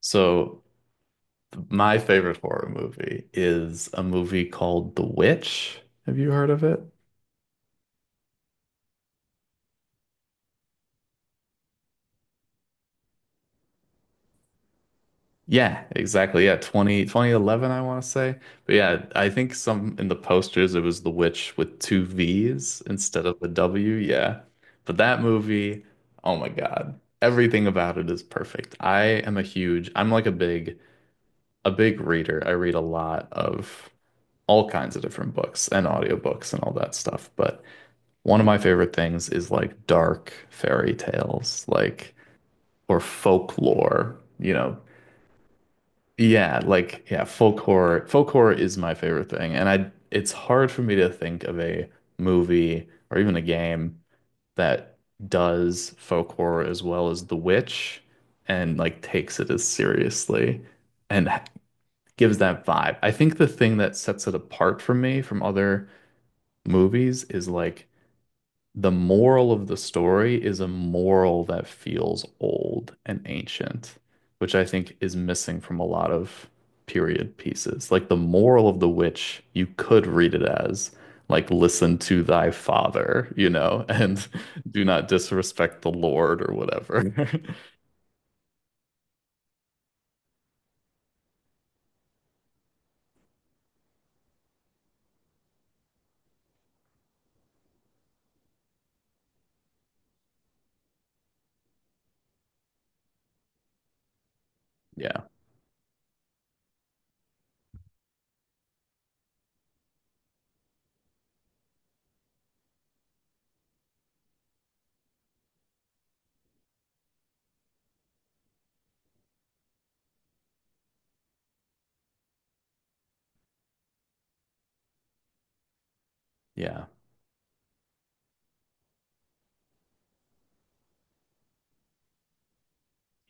So my favorite horror movie is a movie called The Witch. Have you heard of it? Yeah, exactly. Yeah, twenty twenty eleven, I want to say. But yeah, I think some in the posters it was The Witch with two V's instead of the W. Yeah. But that movie, oh my God. Everything about it is perfect. I am a big reader. I read a lot of all kinds of different books and audiobooks and all that stuff. But one of my favorite things is like dark fairy tales, like or folklore. Yeah, folk horror. Folk horror is my favorite thing, and I it's hard for me to think of a movie or even a game that does folk horror as well as The Witch and like takes it as seriously and gives that vibe. I think the thing that sets it apart for me from other movies is like the moral of the story is a moral that feels old and ancient, which I think is missing from a lot of period pieces. Like the moral of the witch, you could read it as like listen to thy father, and do not disrespect the Lord or whatever. Yeah, yeah.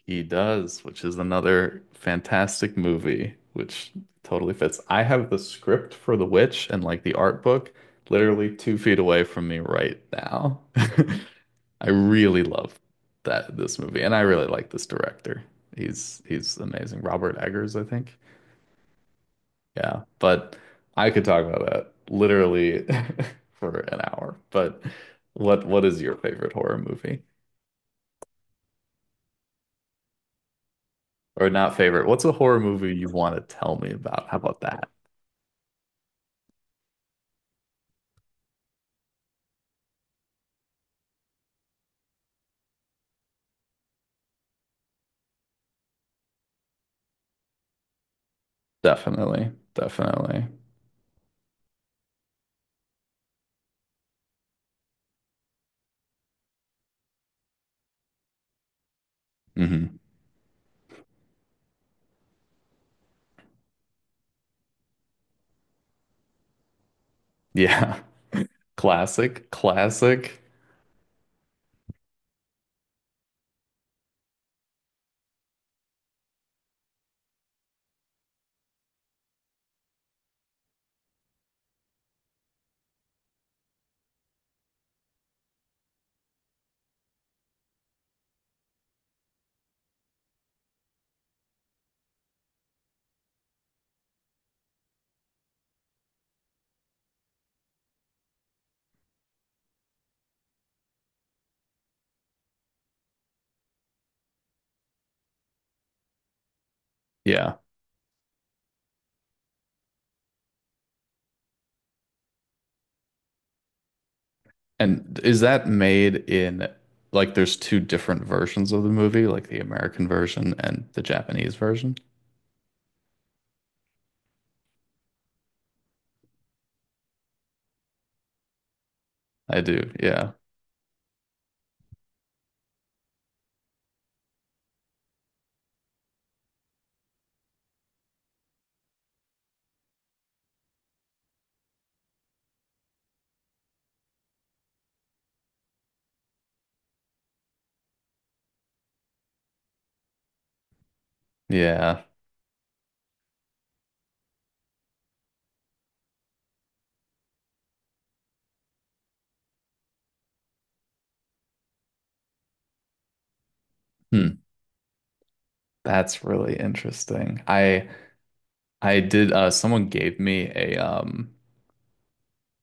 He does, which is another fantastic movie, which totally fits. I have the script for The Witch and like the art book literally 2 feet away from me right now. I really love that this movie, and I really like this director. He's amazing. Robert Eggers, I think. Yeah, but I could talk about that literally for an hour. But what is your favorite horror movie? Or not favorite? What's a horror movie you want to tell me about? How about that? Definitely. Definitely. Hmm Yeah. Classic. Classic. Yeah. And is that made in like there's two different versions of the movie, like the American version and the Japanese version? I do. Yeah. Yeah. Hmm. That's really interesting. I did someone gave me a,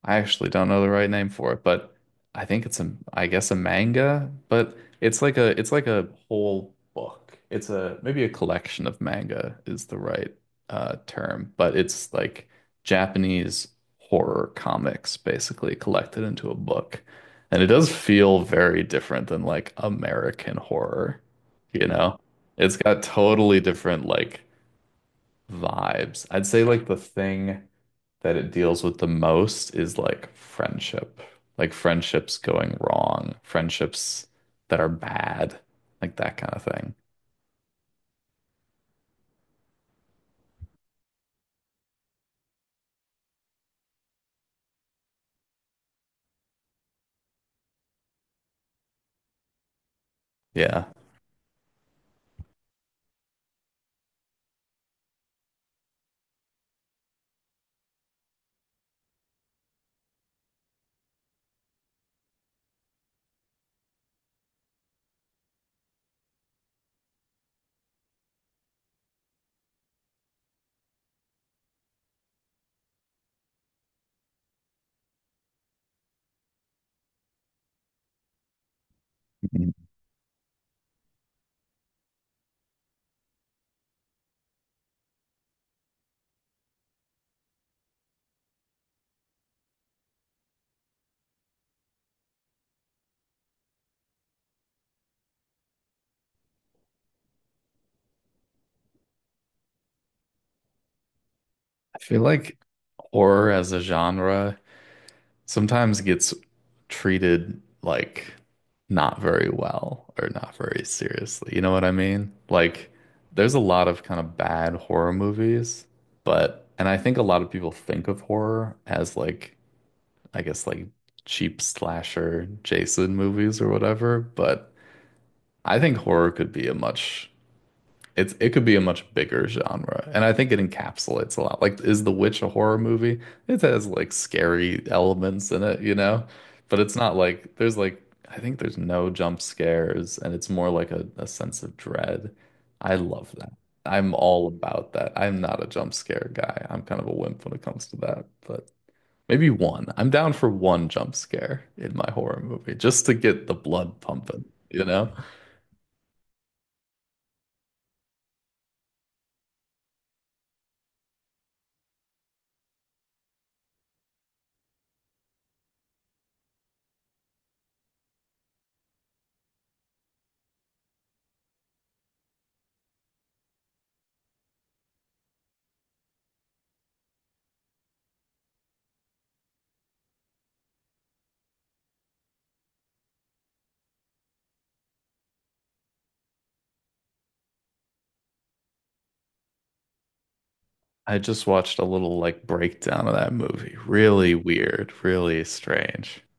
I actually don't know the right name for it, but I think it's I guess a manga, but it's like a whole book. It's a, maybe a collection of manga is the right term, but it's like Japanese horror comics basically collected into a book. And it does feel very different than like American horror, you know? It's got totally different like vibes. I'd say like the thing that it deals with the most is like friendship, like friendships going wrong, friendships that are bad, like that kind of thing. Yeah. Mhm. I feel like horror as a genre sometimes gets treated like not very well or not very seriously. You know what I mean? Like there's a lot of kind of bad horror movies, but and I think a lot of people think of horror as like I guess like cheap slasher Jason movies or whatever, but I think horror could be a much it's it could be a much bigger genre. And I think it encapsulates a lot. Like is The Witch a horror movie? It has like scary elements in it, you know? But it's not like there's like I think there's no jump scares and it's more like a sense of dread. I love that. I'm all about that. I'm not a jump scare guy. I'm kind of a wimp when it comes to that, but maybe one. I'm down for one jump scare in my horror movie just to get the blood pumping, you know? I just watched a little like breakdown of that movie. Really weird, really strange.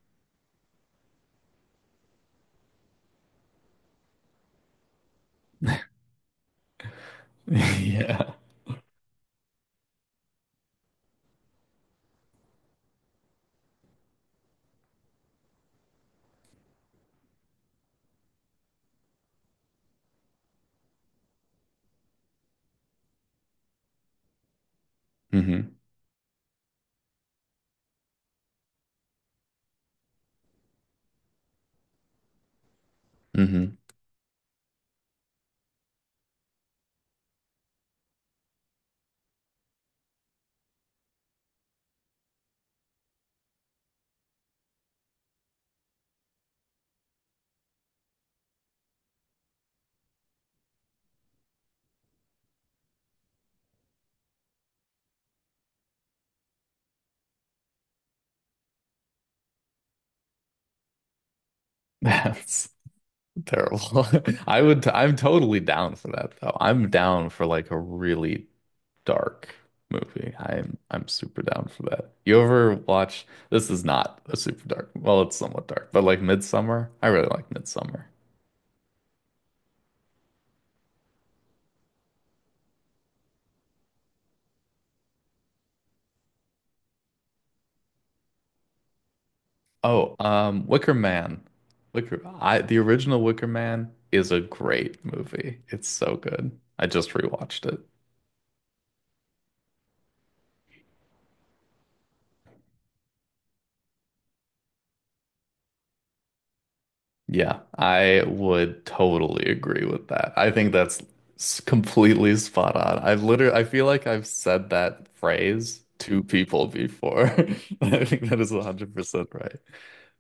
Yeah. hmm hmm That's terrible. I would, I'm totally down for that though. I'm down for like a really dark movie. I'm super down for that. You ever watch, this is not a super dark, well, it's somewhat dark, but like Midsummer? I really like Midsummer. Oh, Wicker Man. Wicker, I The original Wicker Man is a great movie. It's so good. I just rewatched it. Yeah, I would totally agree with that. I think that's completely spot on. I've literally, I feel like I've said that phrase to people before. I think that is 100% right.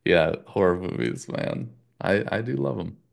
Yeah, horror movies, man. I do love them.